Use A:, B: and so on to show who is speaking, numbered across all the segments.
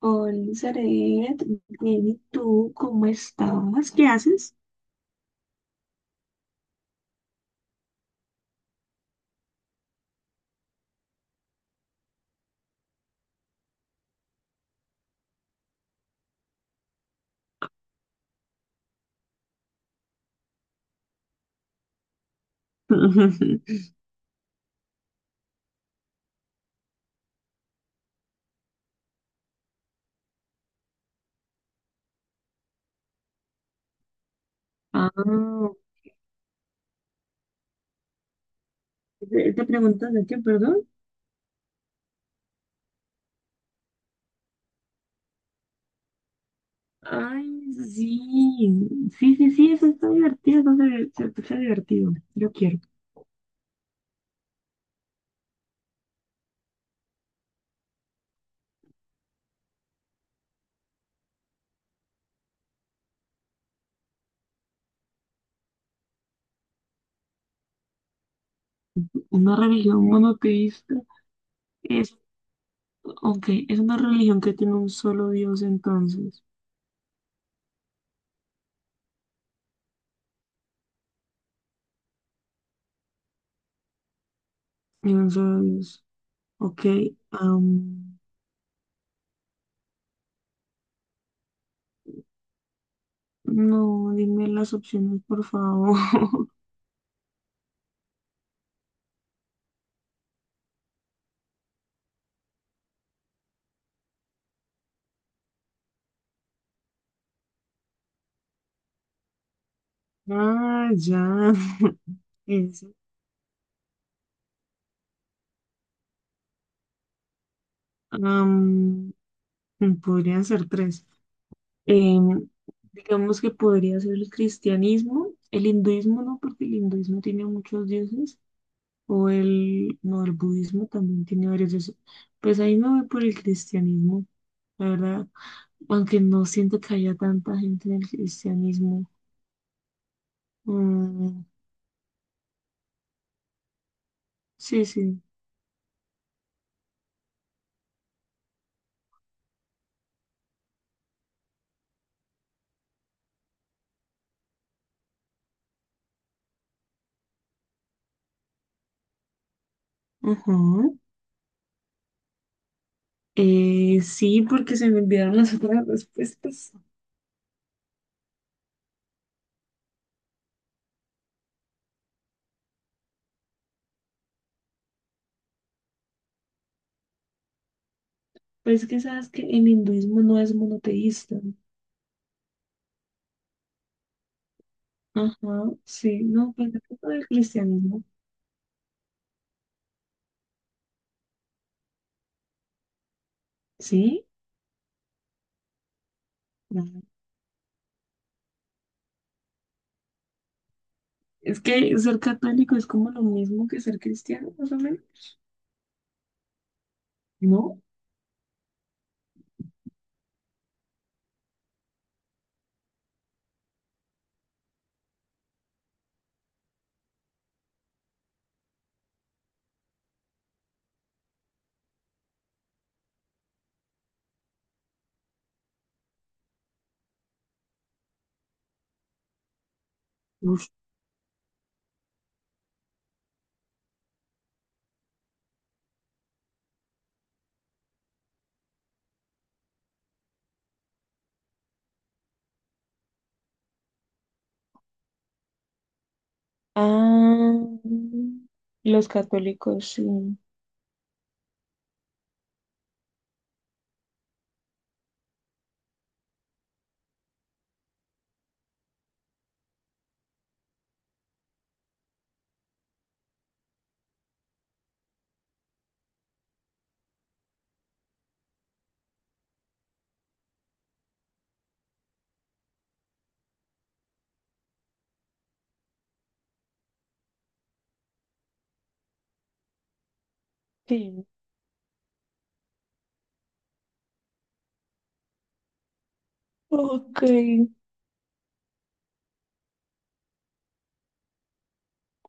A: Hola, Zaret. Bien, ¿y tú cómo estás? ¿Qué haces? Ah, te preguntas de qué, perdón. Ay, sí, sí, sí, sí, eso está divertido, eso se escucha divertido. Yo quiero una religión monoteísta. Es, ok, es una religión que tiene un solo Dios entonces. Tiene un solo Dios. Ok, am, no, dime las opciones, por favor. Ah, ya. Eso. Am, podrían ser tres. Em, digamos que podría ser el cristianismo, el hinduismo, no, porque el hinduismo tiene muchos dioses, o el, no, el budismo también tiene varios dioses. Pues ahí me voy por el cristianismo, la verdad, aunque no siento que haya tanta gente en el cristianismo. Mm, sí, sí. Ajá. Sí, porque se me olvidaron las otras respuestas. Pues que sabes que el hinduismo no es monoteísta. Ajá, sí, no, pues es todo el cristianismo, sí, no. Es que ser católico es como lo mismo que ser cristiano, más o menos, ¿no? Uf. Ah, los católicos, sí, sí. Ok.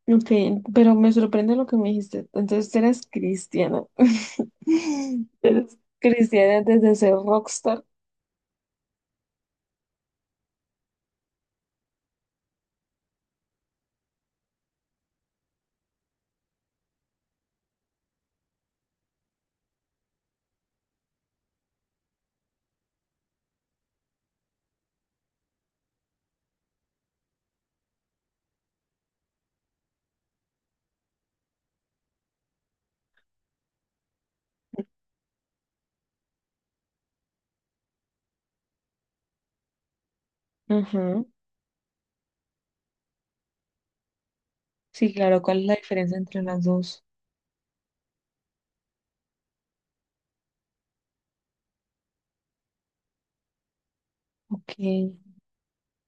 A: Ok, pero me sorprende lo que me dijiste. Entonces, tú eres cristiana. Eres cristiana antes de ser rockstar. Ajá. Sí, claro, ¿cuál es la diferencia entre las dos? Ok.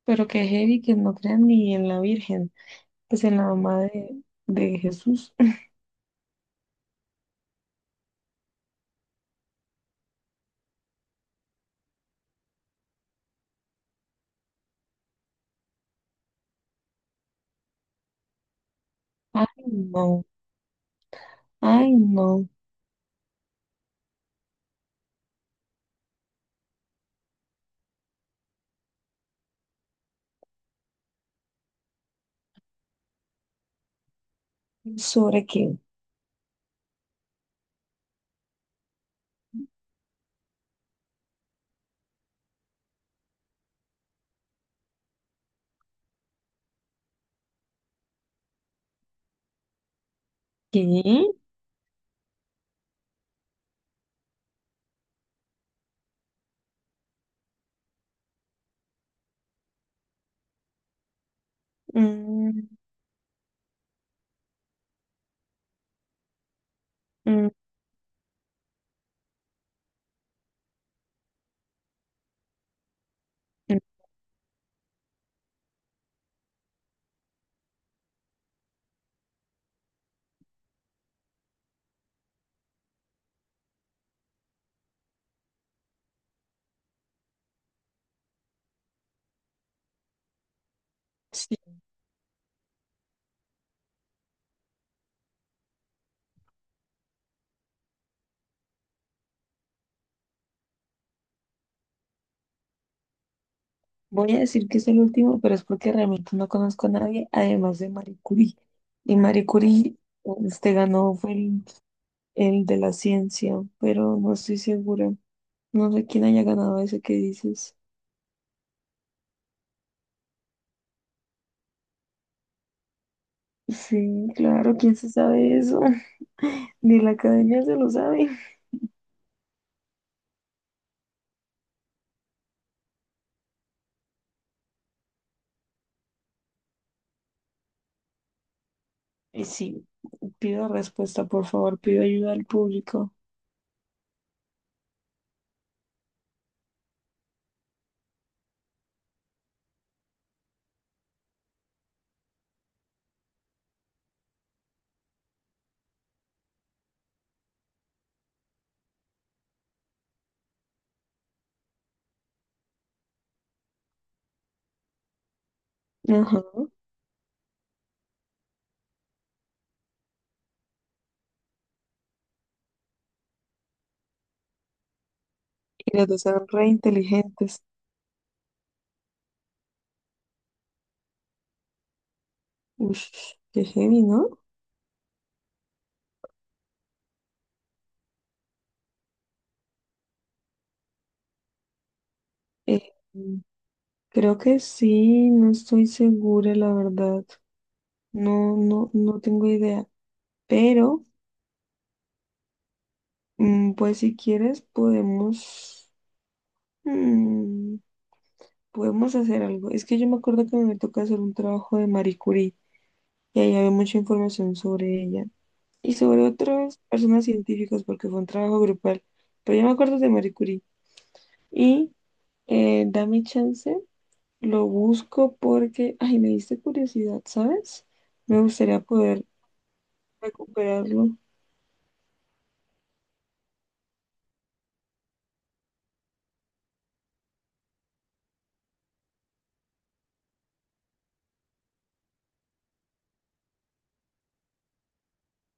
A: Pero que heavy que no crean ni en la Virgen, pues en la mamá de Jesús. Ay, no, ay, no. ¿Sobre qué? ¿Qué? Mm, mm, mm. Sí, voy a decir que es el último, pero es porque realmente no conozco a nadie, además de Marie Curie. Y Marie Curie, este ganó fue el de la ciencia, pero no estoy segura. No sé quién haya ganado ese que dices. Sí, claro, ¿quién se sabe eso? Ni la academia se lo sabe. Y sí, pido respuesta, por favor, pido ayuda al público. Ajá. Y los dos eran re inteligentes. Ush, qué heavy, ¿no? Eh, creo que sí, no estoy segura, la verdad. No, no, no tengo idea. Pero, pues si quieres, mm, podemos hacer algo. Es que yo me acuerdo que me toca hacer un trabajo de Marie Curie y ahí había mucha información sobre ella y sobre otras personas científicas porque fue un trabajo grupal. Pero yo me acuerdo de Marie Curie y dame chance. Lo busco porque, ay, me diste curiosidad, ¿sabes? Me gustaría poder recuperarlo.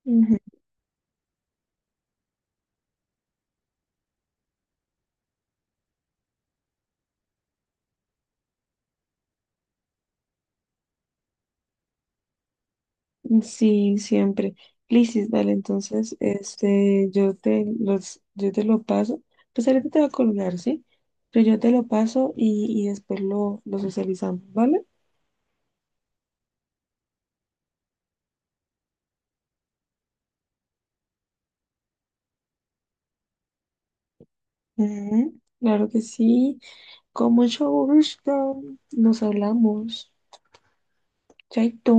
A: Ujú. Sí, siempre. Lisis, dale, entonces, este, yo te lo paso. Pues ahorita te va a colgar, ¿sí? Pero yo te lo paso y después lo socializamos, ¿vale? Ujú, claro que sí. Con mucho gusto. Nos hablamos. Chaito.